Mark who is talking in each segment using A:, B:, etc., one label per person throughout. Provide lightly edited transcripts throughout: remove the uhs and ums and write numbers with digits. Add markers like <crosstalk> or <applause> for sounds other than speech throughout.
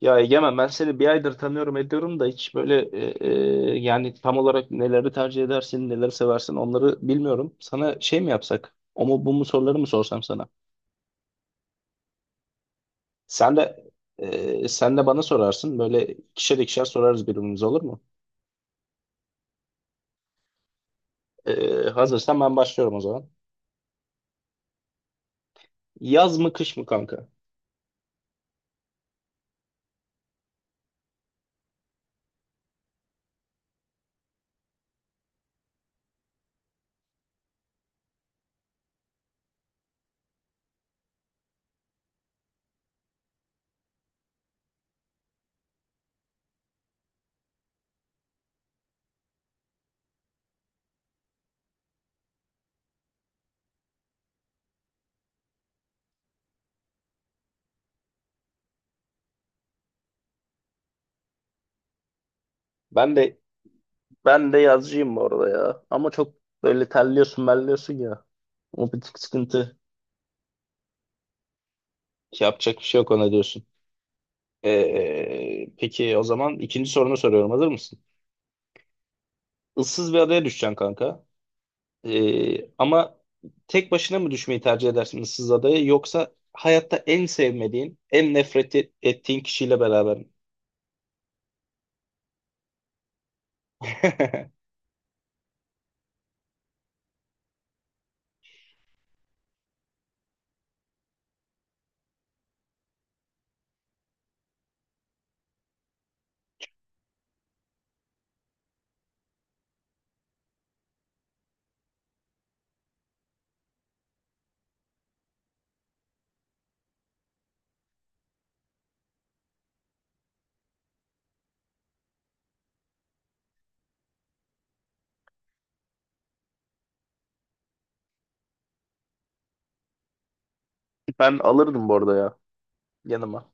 A: Ya Egemen, ben seni bir aydır tanıyorum ediyorum da hiç böyle yani tam olarak neleri tercih edersin, neleri seversin, onları bilmiyorum. Sana şey mi yapsak? O mu bu mu soruları mı sorsam sana? Sen de sen de bana sorarsın. Böyle ikişer ikişer sorarız birbirimize, olur mu? Hazırsan ben başlıyorum o zaman. Yaz mı kış mı kanka? Ben de ben de yazcıyım bu arada ya. Ama çok böyle terliyorsun, melliyorsun ya. O bir tık sıkıntı. Yapacak bir şey yok, ona diyorsun. Peki, o zaman ikinci sorunu soruyorum. Hazır mısın? Issız bir adaya düşeceksin kanka. Ama tek başına mı düşmeyi tercih edersin ıssız adaya, yoksa hayatta en sevmediğin, en nefret ettiğin kişiyle beraber mi? <laughs> Ben alırdım bu arada ya, yanıma.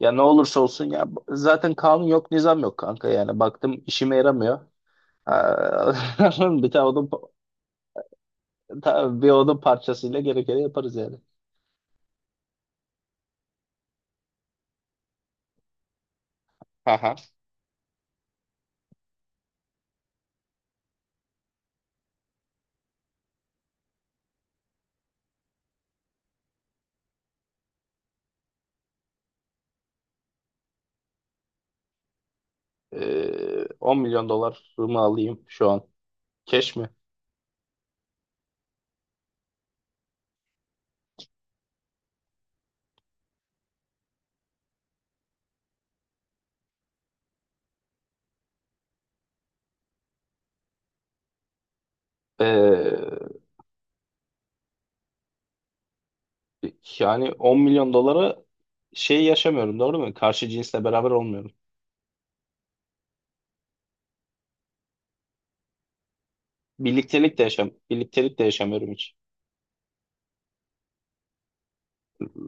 A: Ya ne olursa olsun ya, zaten kanun yok, nizam yok kanka, yani baktım işime yaramıyor. Aa, <laughs> bir tane odun, pa- ta- bir odun parçasıyla gerekeni yaparız yani. Aha. 10 milyon dolar mı alayım şu an? Keş mi? Ee, Yani 10 milyon dolara şey yaşamıyorum, doğru mu? Karşı cinsle beraber olmuyorum. Birliktelik de yaşamıyorum hiç.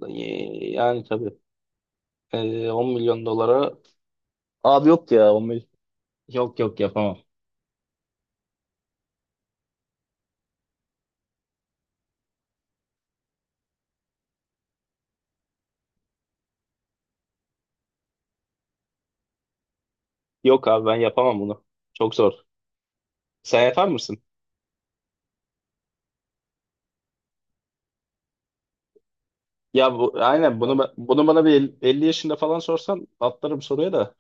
A: Ee, Yani tabii. 10 milyon dolara abi, yok ya 10 milyon. Yok yok, yapamam. Yok abi, ben yapamam bunu. Çok zor. Sen yapar mısın? Ya bu aynen, bunu bana 50 yaşında falan sorsan atlarım soruya da.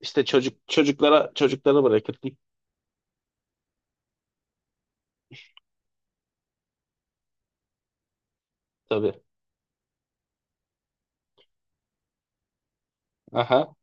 A: İşte çocuklara bırakırdım tabii. Aha.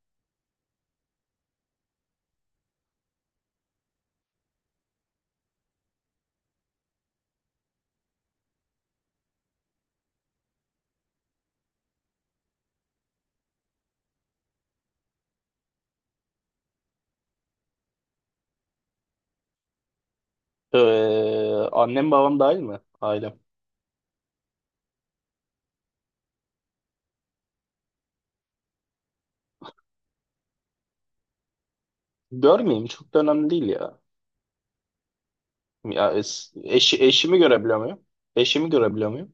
A: Ee, Annem babam dahil mi? Ailem. Görmeyeyim, çok da önemli değil ya. Ya eşimi görebiliyor muyum? Eşimi görebiliyor muyum?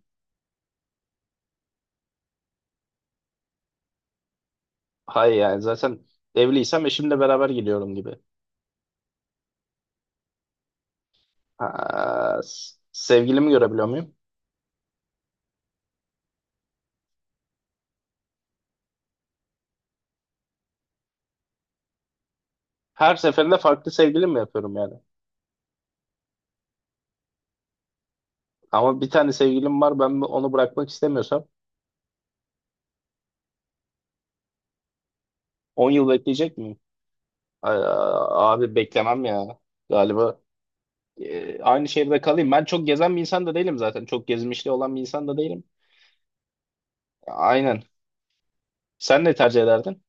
A: Hayır, yani zaten evliysem eşimle beraber gidiyorum gibi. Ha, sevgilimi görebiliyor muyum? Her seferinde farklı sevgilim mi yapıyorum yani? Ama bir tane sevgilim var, ben onu bırakmak istemiyorsam 10 yıl bekleyecek miyim? Ay, abi, beklemem ya galiba. Aynı şehirde kalayım. Ben çok gezen bir insan da değilim zaten. Çok gezmişliği olan bir insan da değilim. Aynen. Sen ne tercih ederdin?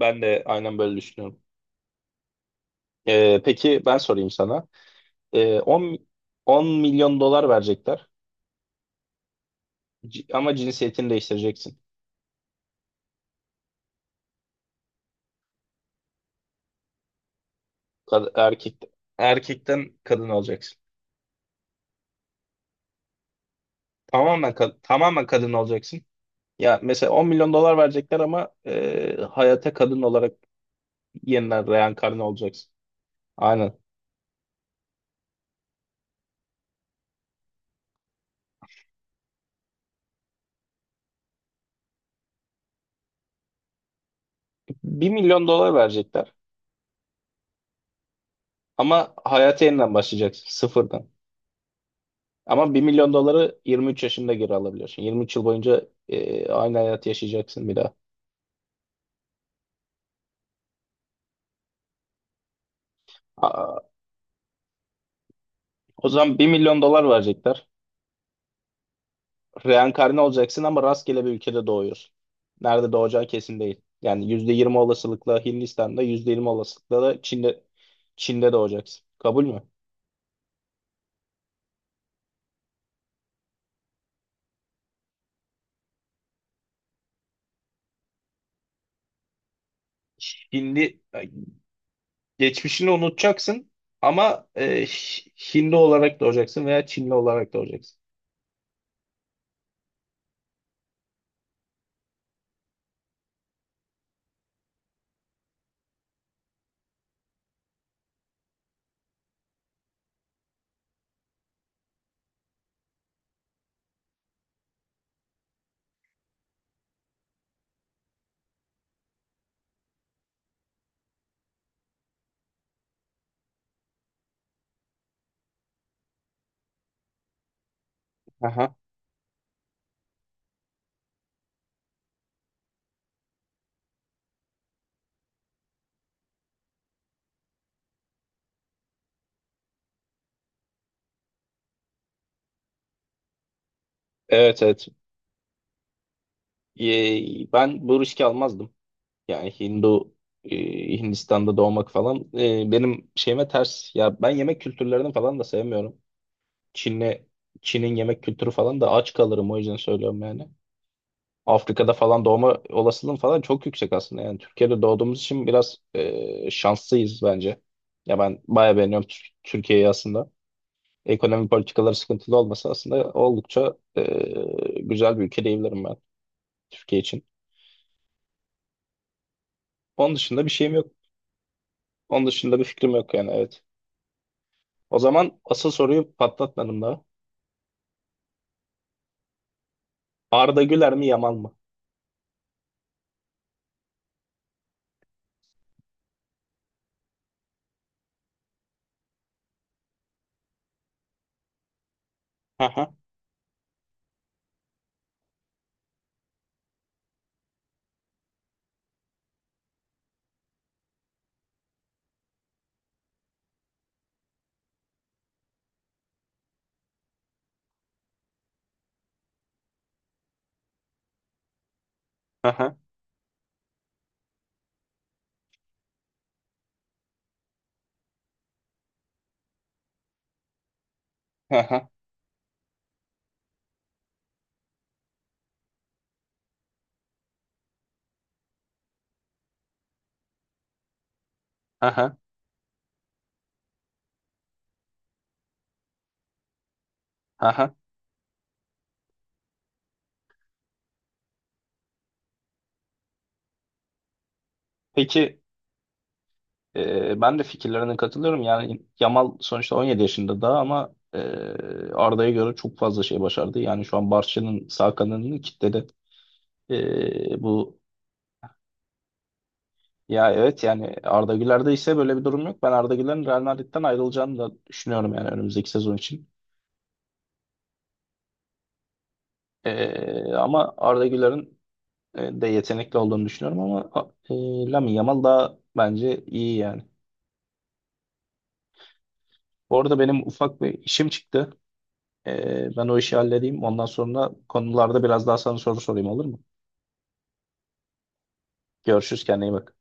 A: Ben de aynen böyle düşünüyorum. Peki, ben sorayım sana. Ee, 10, 10 milyon dolar verecekler, ama cinsiyetini değiştireceksin. Kad- erkek, erkekten kadın olacaksın. Tamamen kadın olacaksın. Ya mesela 10 milyon dolar verecekler, ama hayata kadın olarak yeniden reenkarne olacaksın. Aynen. 1 milyon dolar verecekler ama hayata yeniden başlayacaksın sıfırdan. Ama 1 milyon doları 23 yaşında geri alabiliyorsun. 23 yıl boyunca aynı hayat yaşayacaksın bir daha. Aa, o zaman 1 milyon dolar verecekler. Reenkarne olacaksın ama rastgele bir ülkede doğuyorsun. Nerede doğacağı kesin değil. Yani %20 olasılıkla Hindistan'da, %20 olasılıkla da Çin'de doğacaksın. Kabul mü? Hindi geçmişini unutacaksın ama Hindi olarak doğacaksın veya Çinli olarak doğacaksın. Aha. Evet, evet. Ben bu riski almazdım. Yani Hindistan'da doğmak falan, benim şeyime ters. Ya ben yemek kültürlerini falan da sevmiyorum. Çin'le Çin'in yemek kültürü falan da, aç kalırım o yüzden söylüyorum yani. Afrika'da falan doğma olasılığım falan çok yüksek aslında. Yani Türkiye'de doğduğumuz için biraz şanslıyız bence. Ya ben bayağı beğeniyorum Türkiye'yi aslında. Ekonomi politikaları sıkıntılı olmasa aslında oldukça güzel bir ülke diyebilirim ben Türkiye için. Onun dışında bir şeyim yok. Onun dışında bir fikrim yok yani, evet. O zaman asıl soruyu patlatmadım daha. Arda Güler mi Yamal mı? Aha, aha, aha, aha, aha. Peki, ben de fikirlerine katılıyorum. Yani Yamal sonuçta 17 yaşında daha, ama Arda'ya göre çok fazla şey başardı. Yani şu an Barça'nın sağ kanadını kitledi. E, bu Ya, evet, yani Arda Güler'de ise böyle bir durum yok. Ben Arda Güler'in Real Madrid'den ayrılacağını da düşünüyorum, yani önümüzdeki sezon için. Ama Arda Güler'in de yetenekli olduğunu düşünüyorum, ama Lamine Yamal daha bence iyi yani. Bu arada benim ufak bir işim çıktı. Ben o işi halledeyim. Ondan sonra konularda biraz daha sana soru sorayım, olur mu? Görüşürüz, kendine iyi bak.